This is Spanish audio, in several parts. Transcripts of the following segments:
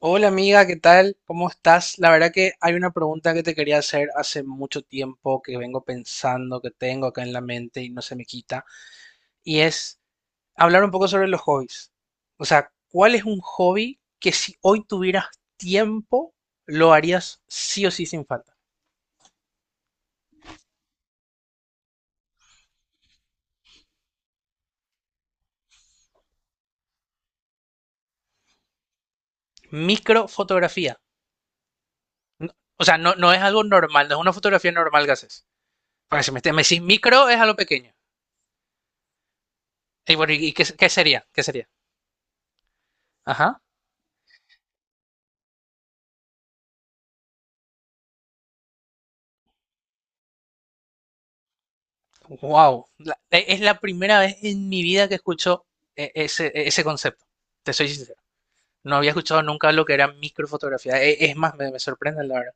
Hola amiga, ¿qué tal? ¿Cómo estás? La verdad que hay una pregunta que te quería hacer, hace mucho tiempo que vengo pensando, que tengo acá en la mente y no se me quita, y es hablar un poco sobre los hobbies. O sea, ¿cuál es un hobby que si hoy tuvieras tiempo lo harías sí o sí sin falta? Microfotografía. No- O sea, no, no es algo normal, no es una fotografía normal que haces. Porque si me decís micro es algo pequeño. Y bueno, ¿y qué sería? ¿Qué sería? Ajá. Wow, es la primera vez en mi vida que escucho ese concepto. Te soy sincero. No había escuchado nunca lo que era microfotografía. Es más, me sorprende la verdad.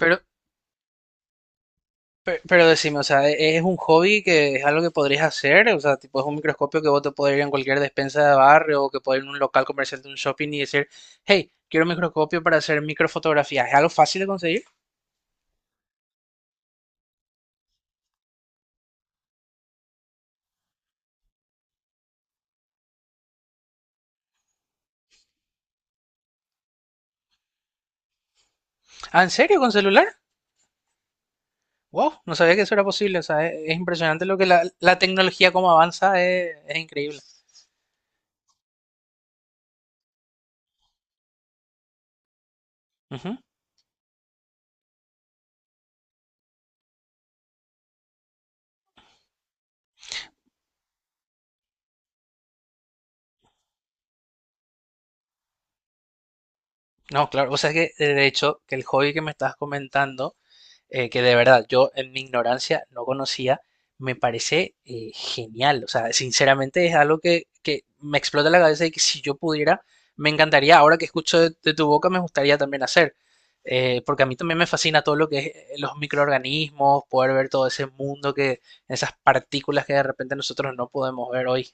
Pero, pero decime, o sea, ¿es un hobby que es algo que podrías hacer? O sea, tipo, ¿es un microscopio que vos te podés ir en cualquier despensa de barrio o que podés ir en un local comercial de un shopping y decir, hey, quiero un microscopio para hacer microfotografía? ¿Es algo fácil de conseguir? ¿Ah, en serio? ¿Con celular? Wow, no sabía que eso era posible. O sea, es impresionante lo que la tecnología como avanza, es increíble. Ujú. No, claro, o sea que de hecho que el hobby que me estás comentando, que de verdad yo en mi ignorancia no conocía, me parece genial, o sea, sinceramente es algo que me explota la cabeza y que si yo pudiera, me encantaría, ahora que escucho de tu boca, me gustaría también hacer. Porque a mí también me fascina todo lo que es los microorganismos, poder ver todo ese mundo que, esas partículas que de repente nosotros no podemos ver hoy.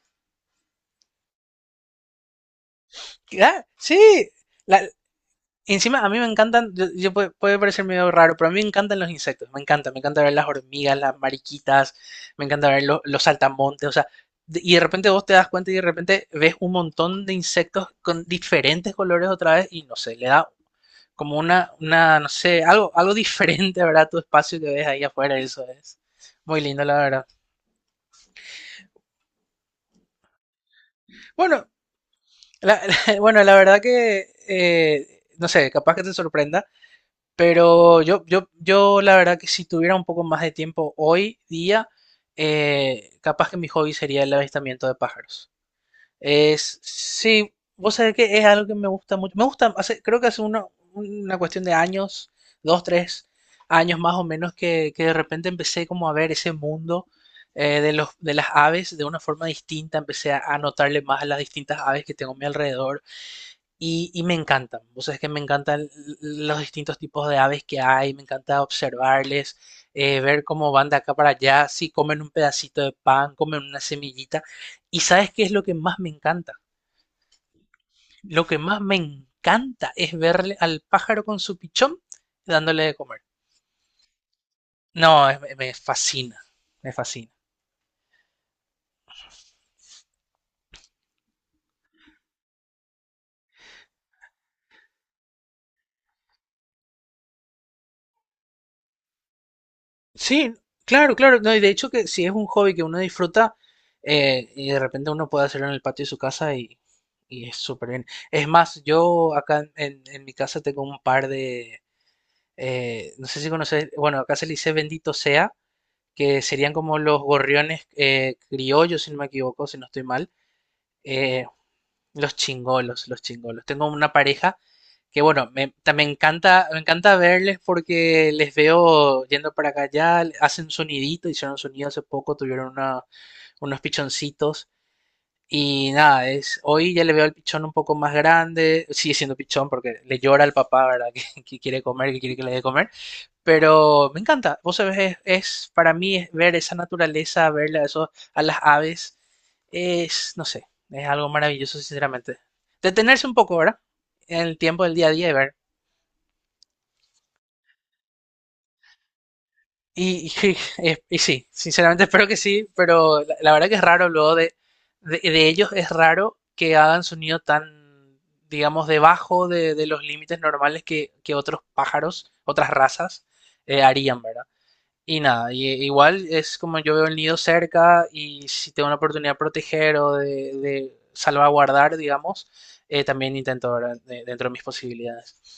Ah, sí. Encima, a mí me encantan, yo puede, puede parecer medio raro, pero a mí me encantan los insectos, me encanta ver las hormigas, las mariquitas, me encanta ver los saltamontes, o sea, y de repente vos te das cuenta y de repente ves un montón de insectos con diferentes colores otra vez y no sé, le da como una, no sé, algo diferente, ¿verdad? Tu espacio que ves ahí afuera, eso es muy lindo, la verdad. Bueno, la, bueno, la verdad que, no sé, capaz que te sorprenda. Pero yo la verdad que si tuviera un poco más de tiempo hoy día, capaz que mi hobby sería el avistamiento de pájaros. Es, sí, vos sabés que es algo que me gusta mucho. Me gusta, creo que hace una cuestión de años, 2, 3 años más o menos, que de repente empecé como a ver ese mundo de los, de las aves de una forma distinta. Empecé a notarle más a las distintas aves que tengo a mi alrededor y me encantan. Vos sabés que me encantan los distintos tipos de aves que hay, me encanta observarles, ver cómo van de acá para allá, si comen un pedacito de pan, comen una semillita. ¿Y sabes qué es lo que más me encanta? Lo que más me encanta es verle al pájaro con su pichón dándole de comer. No, me fascina, me fascina. Sí, claro, claro. No, y de hecho que si es un hobby que uno disfruta, y de repente uno puede hacerlo en el patio de su casa y es súper bien. Es más, yo acá en mi casa tengo un par de, no sé si conoces, bueno, acá se le dice bendito sea, que serían como los gorriones criollos, si no me equivoco, si no estoy mal. Eh, los chingolos, los chingolos. Tengo una pareja que, bueno, me encanta verles porque les veo yendo para acá allá, hacen sonidito, hicieron sonido hace poco, unos pichoncitos. Y nada, es, hoy ya le veo al pichón un poco más grande, sigue siendo pichón porque le llora al papá, ¿verdad? Que quiere comer, que quiere que le dé comer. Pero me encanta. Vos sabés, para mí es ver esa naturaleza, ver a, eso, a las aves, es, no sé, es algo maravilloso, sinceramente. Detenerse un poco, ¿verdad? En el tiempo del día a día y ver. Y sí, sinceramente espero que sí, pero la verdad que es raro luego de ellos, es raro que hagan sonido tan, digamos, debajo de los límites normales que otros pájaros, otras razas, harían, ¿verdad? Y nada, igual es como yo veo el nido cerca y si tengo una oportunidad de proteger o de salvaguardar, digamos, también intento, ¿verdad? Dentro de mis posibilidades.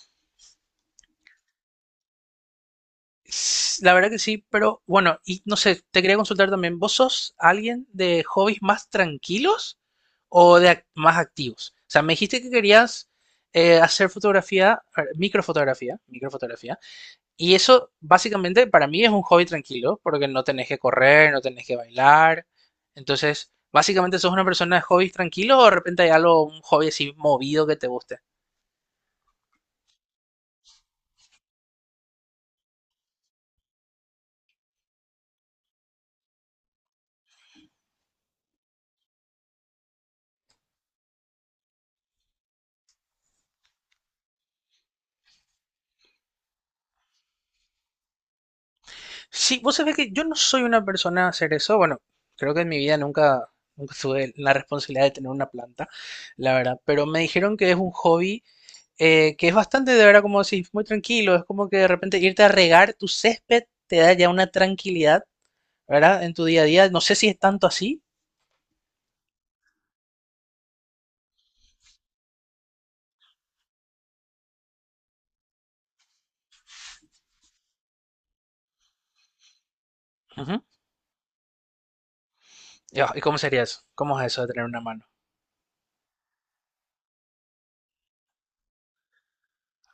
La verdad que sí, pero bueno, y no sé, te quería consultar también, ¿vos sos alguien de hobbies más tranquilos o de más activos? O sea, me dijiste que querías hacer fotografía, a ver, microfotografía, microfotografía. Y eso básicamente para mí es un hobby tranquilo, porque no tenés que correr, no tenés que bailar. Entonces, básicamente ¿sos una persona de hobbies tranquilos o de repente hay algo, un hobby así movido que te guste? Sí, vos sabés que yo no soy una persona a hacer eso. Bueno, creo que en mi vida nunca, nunca tuve la responsabilidad de tener una planta, la verdad. Pero me dijeron que es un hobby que es bastante, de verdad, como decís, muy tranquilo. Es como que de repente irte a regar tu césped te da ya una tranquilidad, ¿verdad? En tu día a día. No sé si es tanto así. Ujú. Yo, ¿y cómo sería eso? ¿Cómo es eso de tener una mano?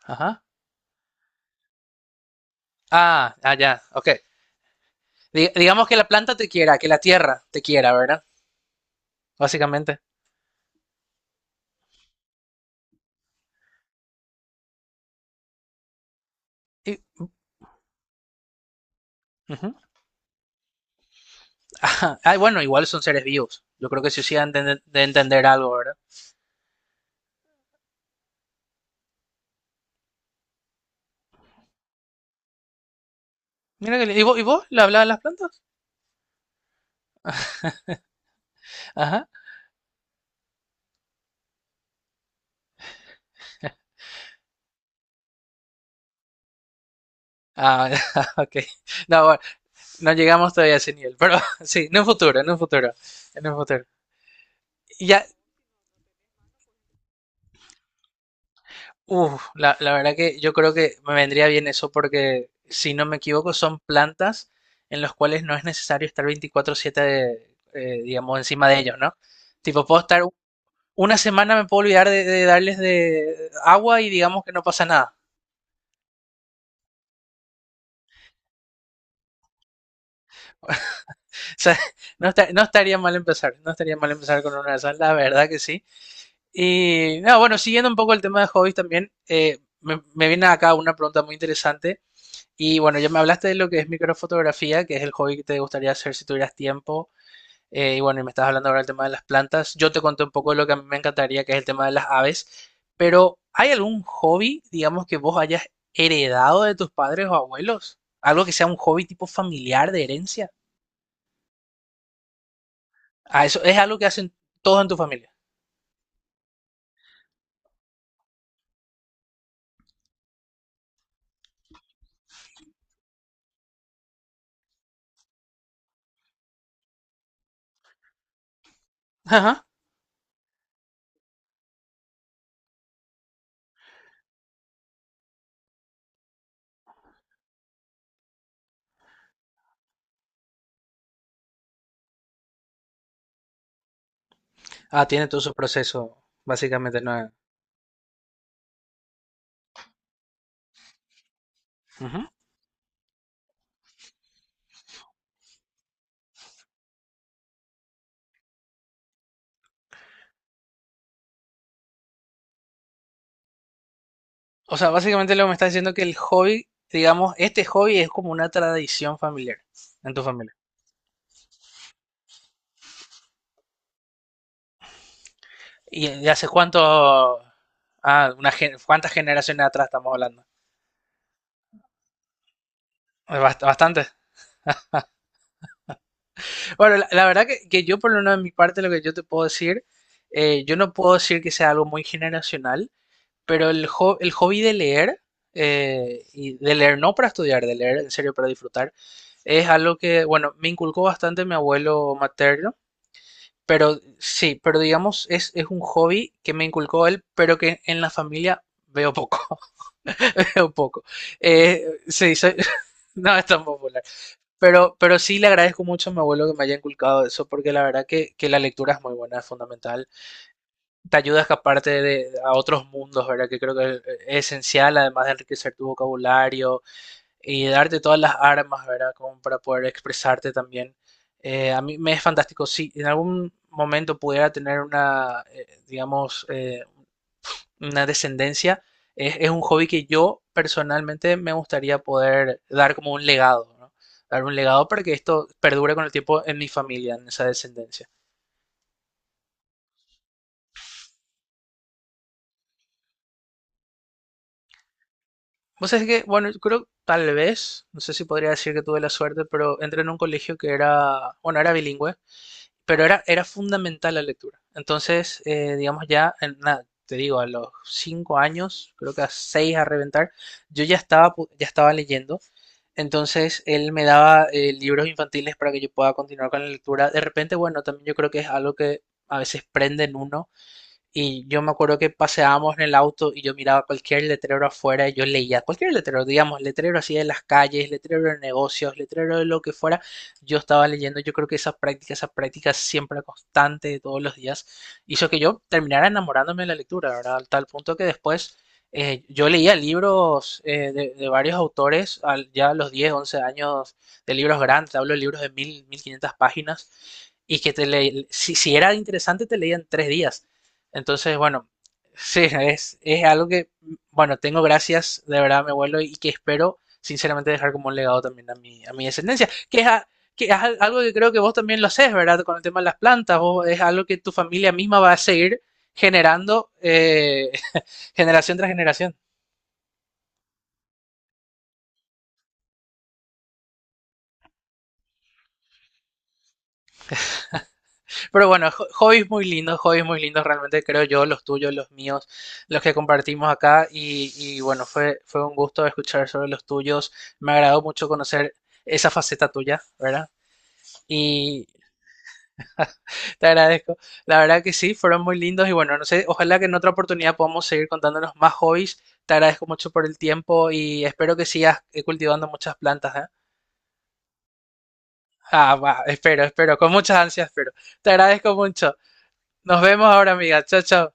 Ajá. Ah, ah, ya, ok. Digamos que la planta te quiera, que la tierra te quiera, ¿verdad? Básicamente. Y, ujú. Ajá. Ah, bueno, igual son seres vivos. Yo creo que sí, sí han de entender algo, ¿verdad? Mira que, ¿y vos le hablabas a las plantas? Ajá. Ah, ok. No, bueno, no llegamos todavía a ese nivel, pero sí, en un futuro, en un futuro, en un futuro. Ya. Uf, la verdad que yo creo que me vendría bien eso porque, si no me equivoco, son plantas en las cuales no es necesario estar 24/7, digamos, encima de ellos, ¿no? Tipo, puedo una semana, me puedo olvidar de darles de agua y digamos que no pasa nada. O sea, no estaría mal empezar, no estaría mal empezar con una de esas, la verdad que sí. Y, no, bueno, siguiendo un poco el tema de hobbies también, me viene acá una pregunta muy interesante. Y bueno, ya me hablaste de lo que es microfotografía, que es el hobby que te gustaría hacer si tuvieras tiempo. Y bueno, y me estás hablando ahora del tema de las plantas. Yo te conté un poco de lo que a mí me encantaría, que es el tema de las aves. Pero ¿hay algún hobby, digamos, que vos hayas heredado de tus padres o abuelos? Algo que sea un hobby tipo familiar, de herencia. Ah, eso es algo que hacen todos en tu familia. Ajá. Ah, tiene todo su proceso, básicamente, no. Ujú. O sea, básicamente lo que me está diciendo que el hobby, digamos, este hobby es como una tradición familiar en tu familia. ¿Y de hace cuánto? Ah, ¿cuántas generaciones atrás estamos hablando? Bastante. Bueno, la verdad que yo por lo menos de mi parte lo que yo te puedo decir, yo no puedo decir que sea algo muy generacional, pero el hobby de leer, y de leer no para estudiar, de leer en serio para disfrutar, es algo que, bueno, me inculcó bastante mi abuelo materno, pero sí, pero digamos, es un hobby que me inculcó él, pero que en la familia veo poco. Un poco. Eh, sí, soy- no es tan popular. Pero sí le agradezco mucho a mi abuelo que me haya inculcado eso, porque la verdad que la lectura es muy buena, es fundamental. Te ayuda a escaparte de, a otros mundos, ¿verdad? Que creo que es esencial, además de enriquecer tu vocabulario y darte todas las armas, ¿verdad? Como para poder expresarte también. A mí me es fantástico. Si en algún momento pudiera tener una, digamos, una descendencia, es un hobby que yo personalmente me gustaría poder dar como un legado, ¿no? Dar un legado para que esto perdure con el tiempo en mi familia, en esa descendencia. Vos sabés que, bueno, yo creo tal vez, no sé si podría decir que tuve la suerte, pero entré en un colegio que era, bueno, era bilingüe, pero era, era fundamental la lectura. Entonces, digamos ya, te digo, a los 5 años, creo que a 6 a reventar, yo ya estaba leyendo. Entonces, él me daba libros infantiles para que yo pueda continuar con la lectura. De repente, bueno, también yo creo que es algo que a veces prende en uno y yo me acuerdo que paseábamos en el auto y yo miraba cualquier letrero afuera y yo leía cualquier letrero, digamos, letrero así de las calles, letrero de negocios, letrero de lo que fuera. Yo estaba leyendo, yo creo que esa práctica siempre constante de todos los días, hizo que yo terminara enamorándome de la lectura, ¿verdad? Al tal punto que después yo leía libros de varios autores ya a los 10, 11 años, de libros grandes, te hablo de libros de 1.000, 1.500 páginas. Y que te le, si, si era interesante te leían 3 días. Entonces, bueno, sí, es algo que, bueno, tengo gracias de verdad a mi abuelo y que espero sinceramente dejar como un legado también a mi descendencia, que es, que es algo que creo que vos también lo haces, ¿verdad? Con el tema de las plantas, vos es algo que tu familia misma va a seguir generando generación tras generación. Pero bueno, hobbies muy lindos realmente creo yo, los tuyos, los míos, los que compartimos acá y bueno, fue, fue un gusto escuchar sobre los tuyos. Me agradó mucho conocer esa faceta tuya, ¿verdad? Y te agradezco. La verdad que sí, fueron muy lindos y bueno, no sé, ojalá que en otra oportunidad podamos seguir contándonos más hobbies. Te agradezco mucho por el tiempo y espero que sigas, cultivando muchas plantas, ¿eh? Ah, va, espero, espero, con muchas ansias, espero. Te agradezco mucho. Nos vemos ahora, amiga. Chao, chao.